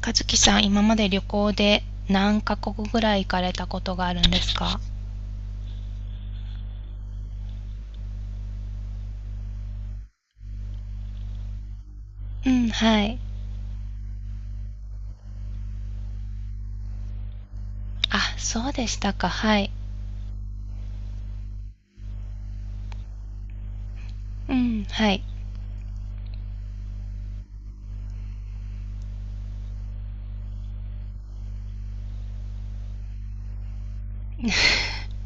和樹さん、今まで旅行で何カ国ぐらい行かれたことがあるんですか？うん、はい。あ、そうでしたか。はい。うん、はい。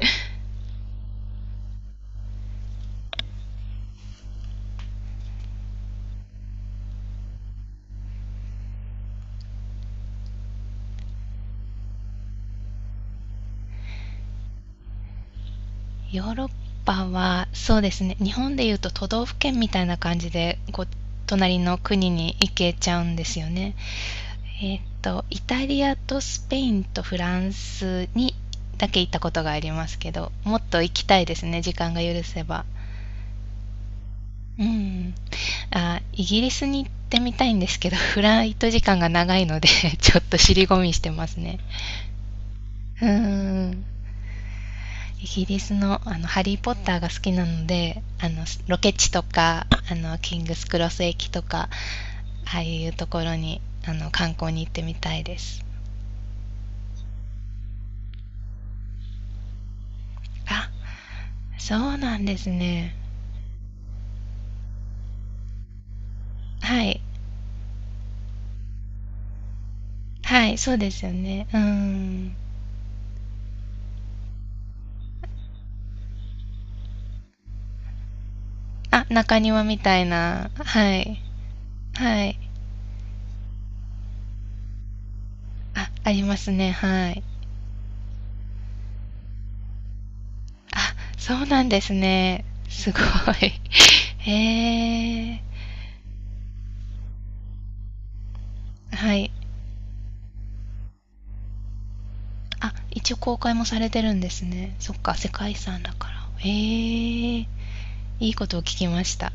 ヨーロッパは、そうですね。日本でいうと都道府県みたいな感じで、こう、隣の国に行けちゃうんですよね。イタリアとスペインとフランスにだけ行ったことがありますけど、もっと行きたいですね。時間が許せば。うん。あ、イギリスに行ってみたいんですけど、フライト時間が長いので ちょっと尻込みしてますね。うーん。イギリスの、ハリー・ポッターが好きなので、ロケ地とか、キングスクロス駅とか、ああいうところに、観光に行ってみたいです。あ、そうなんですね。はい。はい、そうですよね。うーん。あ、中庭みたいな。はい。はい。あ、ありますね。はい。あ、そうなんですね。すごい。へえ。はい。あ、一応公開もされてるんですね。そっか、世界遺産だから。へえ。いいことを聞きました。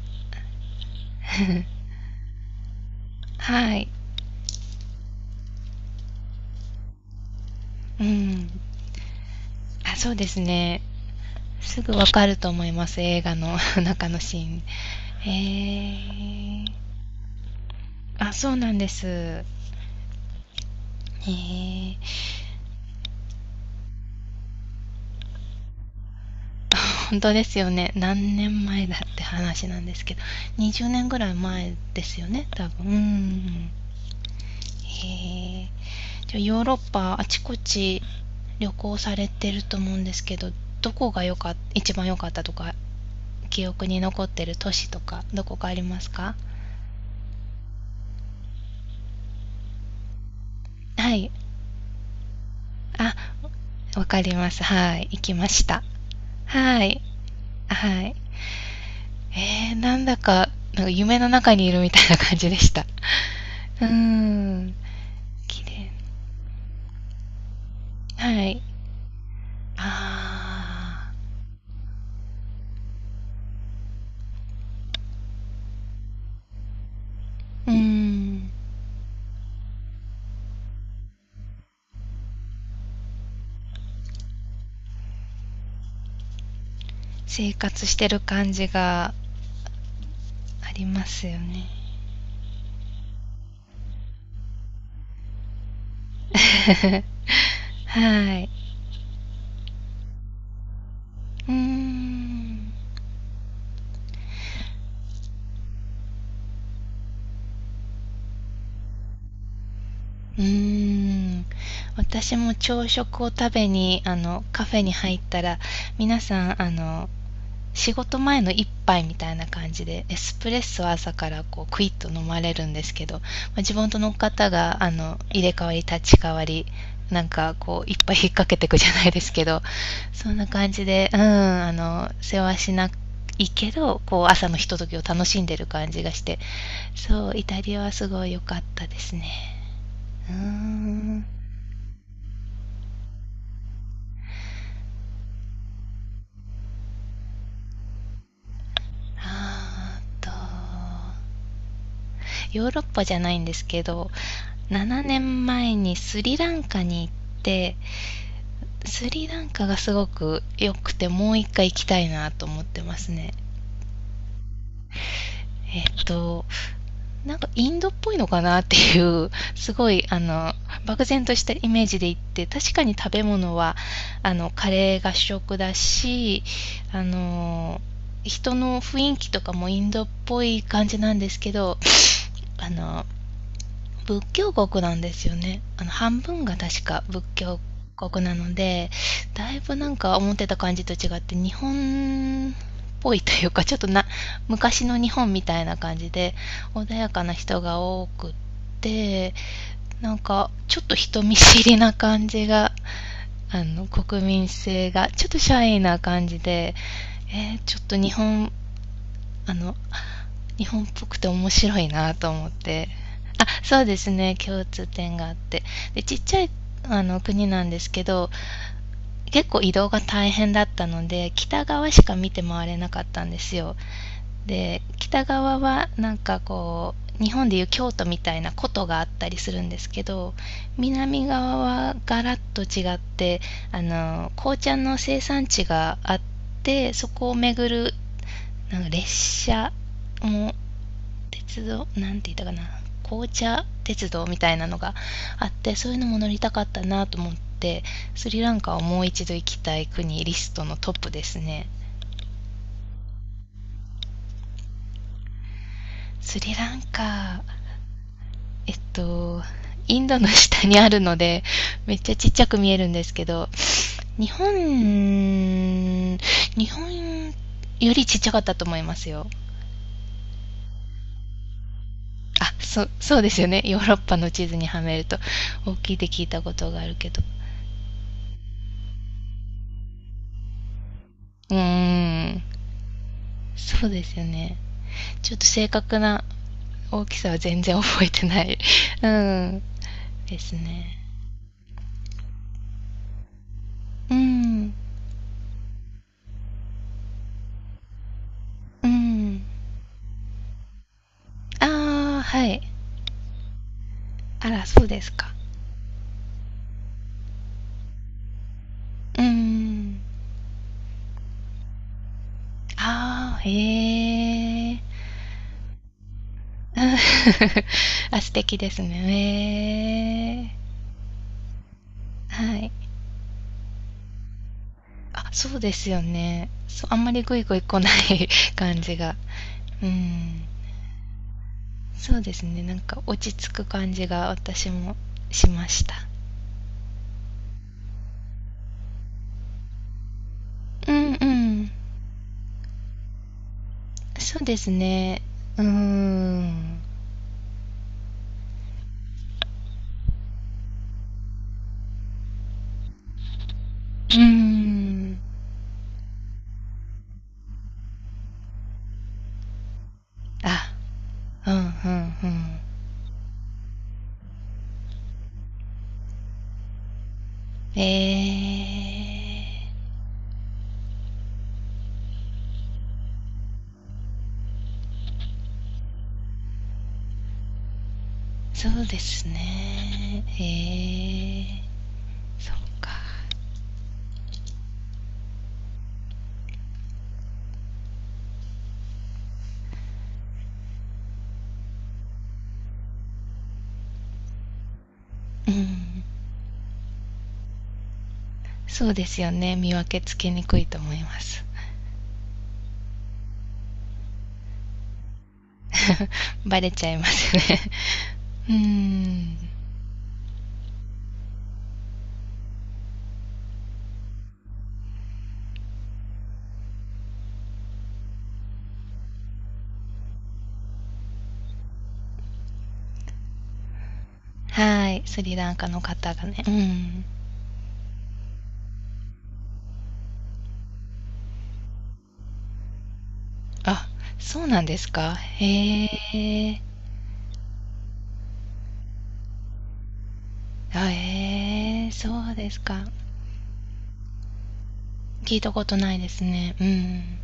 はい。うん。あ、そうですね。すぐわかると思います、映画の 中のシーン。へえ。あ、そうなんです。へえ。本当ですよね。何年前だって話なんですけど、20年ぐらい前ですよね、多分。うん。へえ。じゃあヨーロッパあちこち旅行されてると思うんですけど、どこがよかっ一番良かったとか、記憶に残ってる都市とか、どこかありますか？はい。あ、わかります。はい。行きました。はい。はい。えー、なんだか、なんか夢の中にいるみたいな感じでした。うーん。綺麗。はい。ああ、うーん、生活してる感じがありますよね。はい。うーん。うーん。私も朝食を食べに、カフェに入ったら、皆さん、仕事前の一杯みたいな感じでエスプレッソを朝からこうクイッと飲まれるんですけど、まあ、自分との方が入れ替わり立ち替わりなんかこういっぱい引っ掛けていくじゃないですけど、そんな感じで、うん、世話しないけどこう朝のひとときを楽しんでる感じがして、そう、イタリアはすごい良かったですね。うーん。あーとヨーロッパじゃないんですけど、7年前にスリランカに行って、スリランカがすごく良くて、もう一回行きたいなと思ってますね。えっと、なんかインドっぽいのかなっていう、すごい、漠然としたイメージで行って、確かに食べ物は、カレーが主食だし、あの、人の雰囲気とかもインドっぽい感じなんですけど、あの、仏教国なんですよね。半分が確か仏教国なので、だいぶなんか思ってた感じと違って、日本っぽいというか、ちょっとな、昔の日本みたいな感じで、穏やかな人が多くって、なんか、ちょっと人見知りな感じが、国民性が、ちょっとシャイな感じで、えーちょっと日本、あの、日本っぽくて面白いなと思って。あ、そうですね、共通点があって。で、ちっちゃい、国なんですけど、結構移動が大変だったので、北側しか見て回れなかったんですよ。で、北側はなんかこう、日本でいう京都みたいな古都があったりするんですけど、南側はガラッと違って、紅茶の生産地があって、そこを巡るなんか列車も、鉄道なんて言ったかな、紅茶鉄道みたいなのがあって、そういうのも乗りたかったなと思って、スリランカをもう一度行きたい国リストのトップですね。スリランカ、えっとインドの下にあるのでめっちゃちっちゃく見えるんですけど、日本よりちっちゃかったと思いますよ。あ、そ、そうですよね、ヨーロッパの地図にはめると大きいって聞いたことがあるけど、うーん、そうですよね。ちょっと正確な大きさは全然覚えてない うん。ですね。うん。うん。ああ、はい。あら、そうですか。うん。ああ、へえ。うん。 あ、素敵ですね。へえ。はい。あ、そうですよね。そう、あんまりグイグイ来ない 感じが。うん。そうですね。なんか落ち着く感じが私もしました。うんうん。そうですね。うーん。うーん。あ、うんうんうん。えー、そうですね。えー、そっか。うん。そうですよね、見分けつけにくいと思います。バレちゃいますね。うーん。はい、スリランカの方がね、うん。あ、そうなんですか。へえ。あ、えーそうですか。聞いたことないですね。うんうん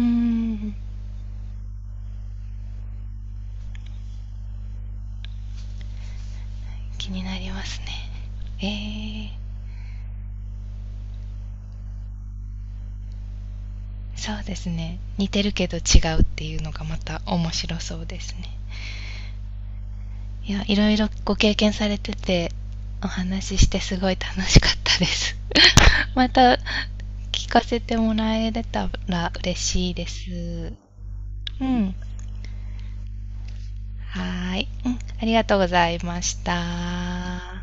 ーん、気になりますね。えー、そうですね。似てるけど違うっていうのがまた面白そうですね。いや、いろいろご経験されてて、お話ししてすごい楽しかったです。また聞かせてもらえれたら嬉しいです。うん、はーい。うん、ありがとうございました。